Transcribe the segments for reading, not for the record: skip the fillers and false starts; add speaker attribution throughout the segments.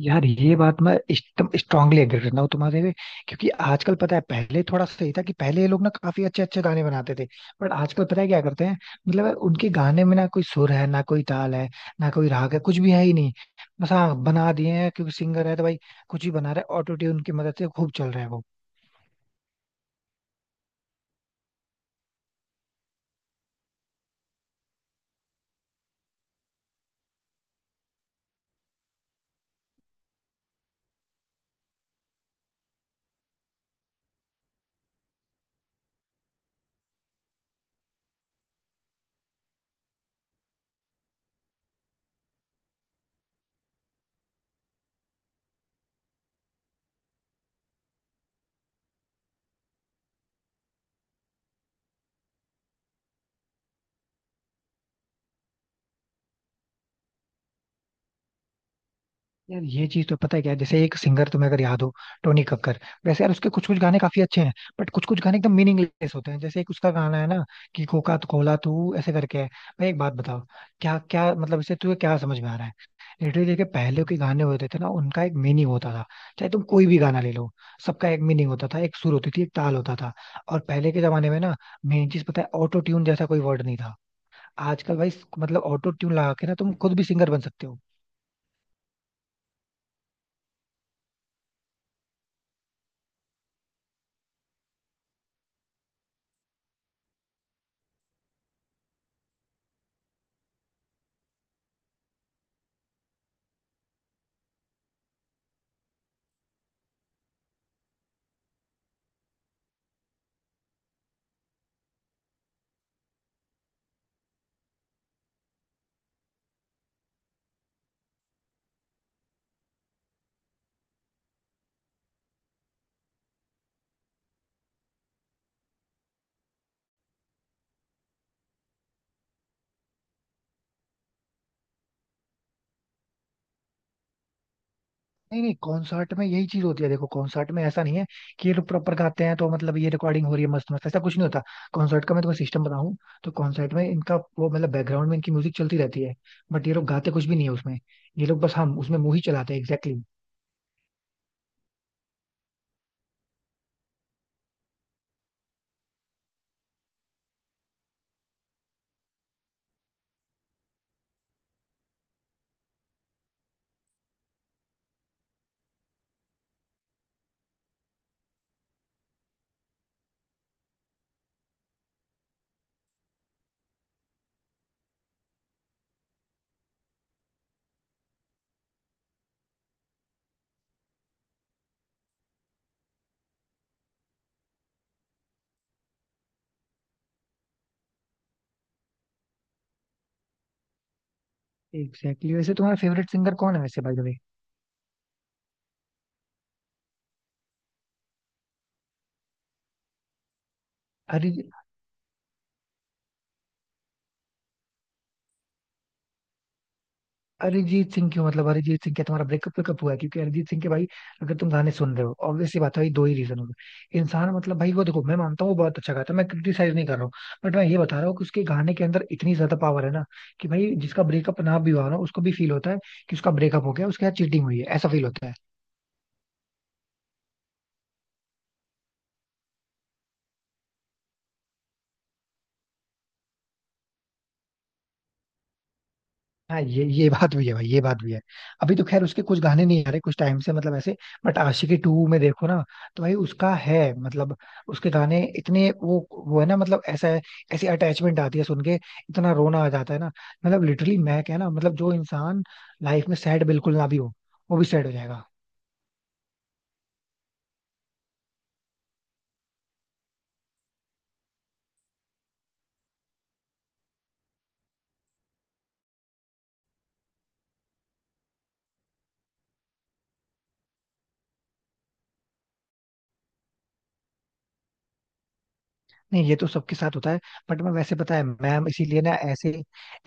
Speaker 1: यार ये बात मैं एकदम स्ट्रांगली एग्री करता हूँ तुम्हारे से। क्योंकि आजकल पता है, पहले थोड़ा सा सही था कि पहले ये लोग ना काफी अच्छे अच्छे गाने बनाते थे। बट आजकल पता है क्या करते हैं? मतलब यार, उनके गाने में ना कोई सुर है, ना कोई ताल है, ना कोई राग है, कुछ भी है ही नहीं। बस हाँ, बना दिए हैं क्योंकि सिंगर है तो भाई कुछ भी बना रहा है, ऑटो ट्यून की मदद से खूब चल रहा है वो। यार ये चीज तो पता है क्या है? जैसे एक सिंगर तुम्हें अगर याद हो, टोनी कक्कर। वैसे यार उसके कुछ कुछ गाने काफी अच्छे हैं, बट कुछ कुछ गाने एकदम मीनिंगलेस होते हैं। जैसे एक उसका गाना है ना कि कोका तो कोला तू ऐसे करके है। भाई एक बात बताओ, क्या क्या मतलब इससे तुझे क्या समझ में आ रहा है? लिटरली के पहले के गाने होते थे ना, उनका एक मीनिंग होता था। चाहे तुम कोई भी गाना ले लो, सबका एक मीनिंग होता था, एक सुर होती थी, एक ताल होता था। और पहले के जमाने में ना, मेन चीज पता है, ऑटो ट्यून जैसा कोई वर्ड नहीं था। आजकल भाई मतलब ऑटो ट्यून लगा के ना तुम खुद भी सिंगर बन सकते हो। नहीं नहीं, कॉन्सर्ट में यही चीज होती है। देखो कॉन्सर्ट में ऐसा नहीं है कि ये लोग प्रॉपर गाते हैं, तो मतलब ये रिकॉर्डिंग हो रही है मस्त मस्त, ऐसा कुछ नहीं होता। कॉन्सर्ट का मैं तुम्हें सिस्टम बताऊं, तो कॉन्सर्ट में इनका वो मतलब बैकग्राउंड में इनकी म्यूजिक चलती रहती है, बट ये लोग गाते कुछ भी नहीं है उसमें। ये लोग बस हम उसमें मुंह ही चलाते हैं एग्जैक्टली। एग्जैक्टली, वैसे तुम्हारा फेवरेट सिंगर कौन है, वैसे by the way? Arijit Singh क्यों? मतलब अरिजीत सिंह, क्या तुम्हारा ब्रेकअप वेकअप हुआ है? क्योंकि अरिजीत सिंह के भाई, अगर तुम गाने सुन रहे हो, ऑब्वियस सी बात है भाई, दो ही रीजन हो गए इंसान। मतलब भाई वो देखो, मैं मानता हूँ वो बहुत अच्छा गाता है, मैं क्रिटिसाइज नहीं कर रहा हूँ। बट मैं ये बता रहा हूँ कि उसके गाने के अंदर इतनी ज्यादा पावर है ना, कि भाई जिसका ब्रेकअप ना भी हुआ ना, उसको भी फील होता है कि उसका ब्रेकअप हो गया, उसके साथ चीटिंग हुई है, ऐसा फील होता है। हाँ ये बात भी है भाई, ये बात भी है। अभी तो खैर उसके कुछ गाने नहीं आ रहे कुछ टाइम से, मतलब ऐसे। बट आशिकी 2 में देखो ना, तो भाई उसका है मतलब, उसके गाने इतने वो है ना, मतलब ऐसा है। ऐसी अटैचमेंट आती है सुन के, इतना रोना आ जाता है ना। मतलब लिटरली मैं क्या ना, मतलब जो इंसान लाइफ में सैड बिल्कुल ना भी हो, वो भी सैड हो जाएगा। नहीं, ये तो सबके साथ होता है। बट मैं वैसे पता है, मैं इसीलिए ना ऐसे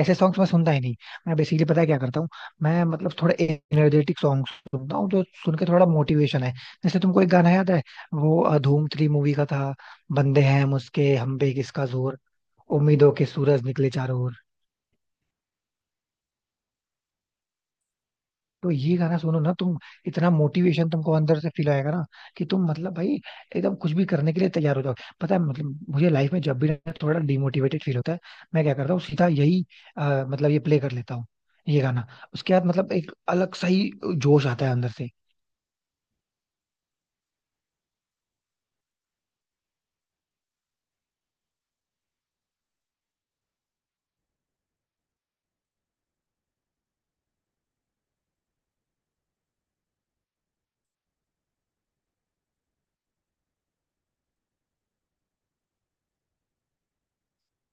Speaker 1: ऐसे सॉन्ग्स मैं सुनता ही नहीं। मैं बेसिकली पता है क्या करता हूँ, मैं मतलब थोड़ा एनर्जेटिक सॉन्ग सुनता हूँ, जो सुन के थोड़ा मोटिवेशन है। जैसे तुमको एक गाना याद है, वो धूम 3 मूवी का था। बंदे हैं मुझके हम पे किसका जोर, उम्मीदों के सूरज निकले चारों ओर। तो ये गाना सुनो ना तुम, इतना मोटिवेशन तुमको अंदर से फील आएगा ना, कि तुम मतलब भाई एकदम कुछ भी करने के लिए तैयार हो जाओ। पता है मतलब, मुझे लाइफ में जब भी ना थोड़ा डिमोटिवेटेड फील होता है, मैं क्या करता हूँ? सीधा यही मतलब ये प्ले कर लेता हूँ, ये गाना। उसके बाद मतलब एक अलग सही जोश आता है अंदर से।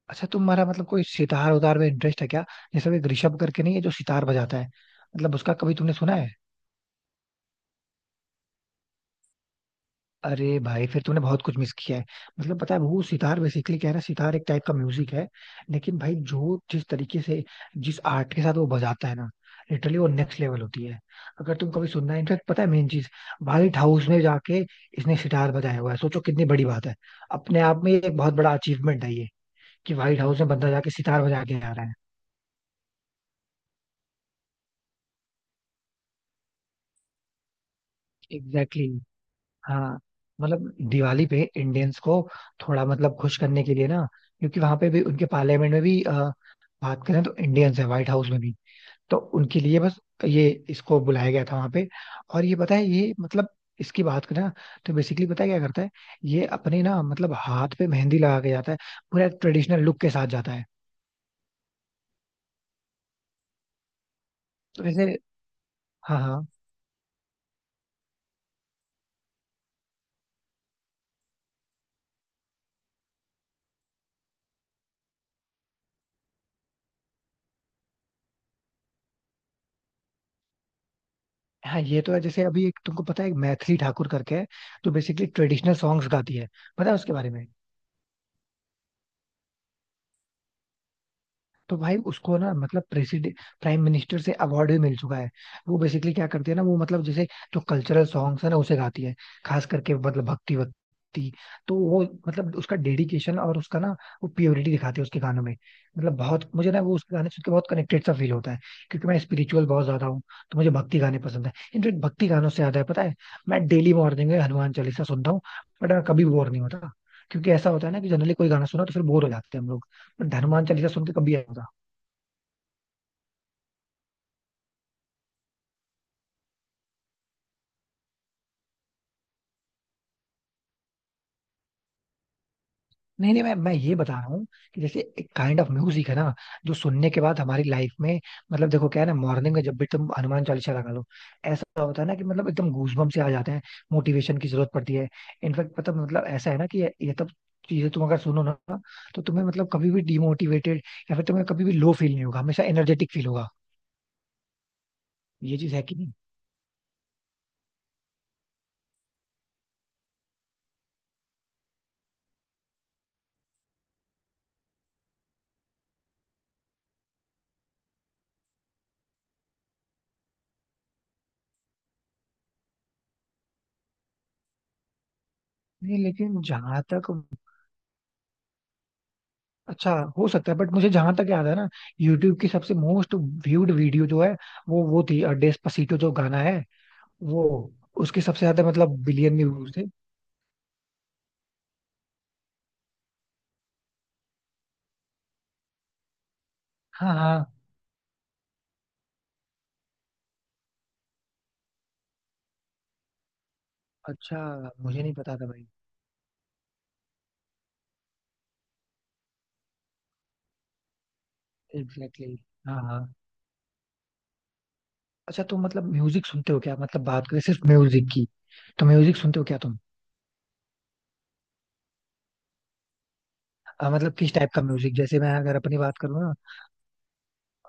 Speaker 1: अच्छा तुम्हारा मतलब कोई सितार उतार में इंटरेस्ट है क्या? जैसे वो एक ऋषभ करके नहीं है जो सितार बजाता है, मतलब उसका कभी तुमने सुना है? अरे भाई, फिर तूने बहुत कुछ मिस किया है। मतलब पता है, वो सितार बेसिकली क्या है ना, सितार एक टाइप का म्यूजिक है। लेकिन भाई जो जिस तरीके से, जिस आर्ट के साथ वो बजाता है ना, लिटरली वो नेक्स्ट लेवल होती है। अगर तुम कभी सुनना है, इनफैक्ट पता है मेन चीज, व्हाइट हाउस में जाके इसने सितार बजाया हुआ है। सोचो कितनी बड़ी बात है, अपने आप में ये एक बहुत बड़ा अचीवमेंट है ये, कि व्हाइट हाउस में बंदा जाके सितार बजा के आ रहा है। एग्जैक्टली। हाँ, मतलब दिवाली पे इंडियंस को थोड़ा मतलब खुश करने के लिए ना, क्योंकि वहां पे भी उनके पार्लियामेंट में भी बात करें तो इंडियंस है, व्हाइट हाउस में भी। तो उनके लिए बस ये इसको बुलाया गया था वहां पे। और ये पता है, ये मतलब इसकी बात करें ना, तो बेसिकली पता है क्या करता है, ये अपने ना मतलब हाथ पे मेहंदी लगा के जाता है, पूरा ट्रेडिशनल लुक के साथ जाता है। तो वैसे हाँ हाँ। हाँ, ये तो है। जैसे अभी एक तुमको पता है, एक मैथिली ठाकुर करके है, जो बेसिकली ट्रेडिशनल सॉन्ग्स गाती है, पता है उसके बारे में? तो भाई उसको ना मतलब प्रेसिडेंट प्राइम मिनिस्टर से अवार्ड भी मिल चुका है। वो बेसिकली क्या करती है ना, वो मतलब जैसे जो कल्चरल सॉन्ग्स है ना, उसे गाती है। खास करके मतलब भक्ति भक्ति। तो वो मतलब उसका डेडिकेशन, और उसका ना वो प्योरिटी दिखाती है उसके गानों में। मतलब बहुत मुझे ना, वो उसके गाने सुन के बहुत कनेक्टेड सा फील होता है, क्योंकि मैं स्पिरिचुअल बहुत ज्यादा हूँ। तो मुझे भक्ति गाने पसंद है, इनफेक्ट भक्ति गानों से ज्यादा है पता है, मैं डेली मॉर्निंग में हनुमान चालीसा सुनता हूँ। बट मैं कभी बोर नहीं होता, क्योंकि ऐसा होता है ना कि जनरली कोई गाना सुना तो फिर बोर हो जाते हैं हम लोग, बट हनुमान चालीसा सुन के कभी ऐसा नहीं। नहीं, मैं ये बता रहा हूँ कि जैसे एक काइंड ऑफ म्यूजिक है ना, जो सुनने के बाद हमारी लाइफ में मतलब, देखो क्या है ना, मॉर्निंग में जब भी तुम हनुमान चालीसा लगा लो, ऐसा होता है ना कि मतलब एकदम गूजबम्प से आ जाते हैं। मोटिवेशन की जरूरत पड़ती है। इनफैक्ट पता, मतलब ऐसा है ना कि ये तब चीजें तुम अगर सुनो ना, तो तुम्हें मतलब कभी भी डिमोटिवेटेड या फिर तुम्हें कभी भी लो फील नहीं होगा, हमेशा एनर्जेटिक फील होगा। ये चीज है कि नहीं? नहीं लेकिन जहां तक, अच्छा हो सकता है, बट मुझे जहां तक याद है ना, यूट्यूब की सबसे मोस्ट व्यूड वीडियो जो है, वो थी डेस्पासीटो जो गाना है वो, उसके सबसे ज्यादा मतलब बिलियन में व्यूज थे। हाँ हाँ। अच्छा, मुझे नहीं पता था भाई। Exactly exactly। हाँ हाँ। अच्छा तुम मतलब म्यूजिक सुनते हो क्या? मतलब बात करें सिर्फ म्यूजिक की, तो म्यूजिक सुनते हो क्या तुम? मतलब किस टाइप का म्यूजिक? जैसे मैं अगर अपनी बात करूँ।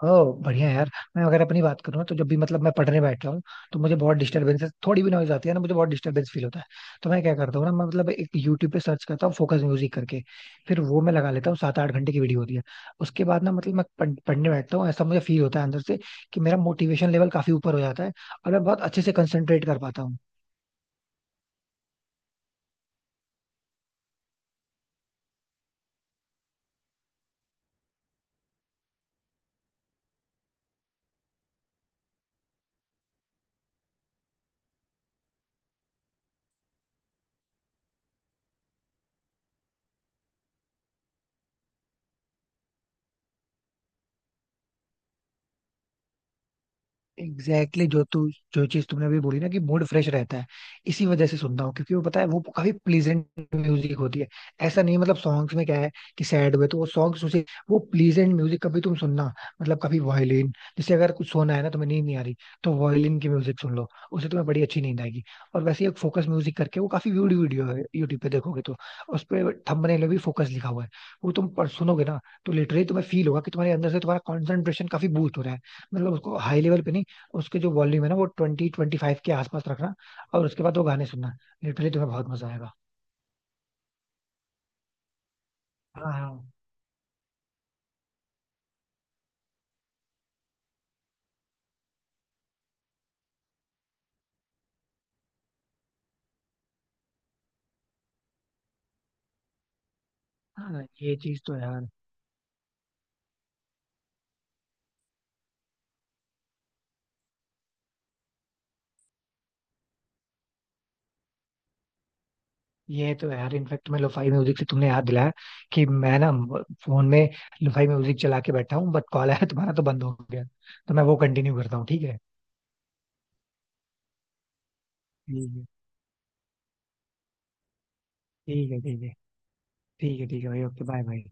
Speaker 1: ओ बढ़िया यार। मैं अगर अपनी बात करूँ तो जब भी मतलब मैं पढ़ने बैठता हूँ, तो मुझे बहुत डिस्टरबेंसेस, थोड़ी भी नॉइज आती है ना, मुझे बहुत डिस्टरबेंस फील होता है। तो मैं क्या करता हूँ ना, मैं मतलब एक यूट्यूब पे सर्च करता हूँ फोकस म्यूजिक करके। फिर वो मैं लगा लेता हूँ, 7 8 घंटे की वीडियो होती है। उसके बाद ना मतलब मैं पढ़ने बैठता हूँ, ऐसा मुझे फील होता है अंदर से, कि मेरा मोटिवेशन लेवल काफी ऊपर हो जाता है और मैं बहुत अच्छे से कंसेंट्रेट कर पाता हूँ। Exactly exactly। जो तू, जो चीज तुमने अभी बोली ना, कि मूड फ्रेश रहता है, इसी वजह से सुनता हूँ। क्योंकि वो पता है वो काफी प्लीजेंट म्यूजिक होती है। ऐसा नहीं मतलब सॉन्ग्स में क्या है कि सैड हुए तो वो सॉन्ग्स उसे, वो प्लीजेंट म्यूजिक कभी तुम सुनना, मतलब कभी वायलिन। जैसे अगर कुछ सोना है ना तुम्हें, नींद नहीं आ रही, तो वायलिन की म्यूजिक सुन लो, उसे तुम्हें बड़ी अच्छी नींद आएगी। और वैसे ही एक फोकस म्यूजिक करके, वो काफी वीडियो वीडियो है यूट्यूब पे, देखोगे तो उस पर थंबनेल में भी फोकस लिखा हुआ है। वो तुम पर सुनोगे ना, तो लिटरली तुम्हें फील होगा कि तुम्हारे अंदर से तुम्हारा कॉन्सेंट्रेशन काफी बूस्ट हो रहा है। मतलब उसको हाई लेवल पे नहीं, उसके जो वॉल्यूम है ना, वो 20-25 के आसपास रखना, और उसके बाद वो गाने सुनना, लिटरली तुम्हें बहुत मजा आएगा। हाँ हाँ हाँ, ये चीज तो है यार। ये तो है यार, इनफेक्ट मैं, लोफाई म्यूजिक से तुमने याद दिलाया कि मैं ना फोन में लोफाई म्यूजिक चला के बैठा हूँ, बट कॉल आया तुम्हारा तो बंद हो गया, तो मैं वो कंटिन्यू करता हूँ। ठीक है। ठीक है ठीक है। ठीक है ठीक है ठीक है भाई ओके बाय बाय।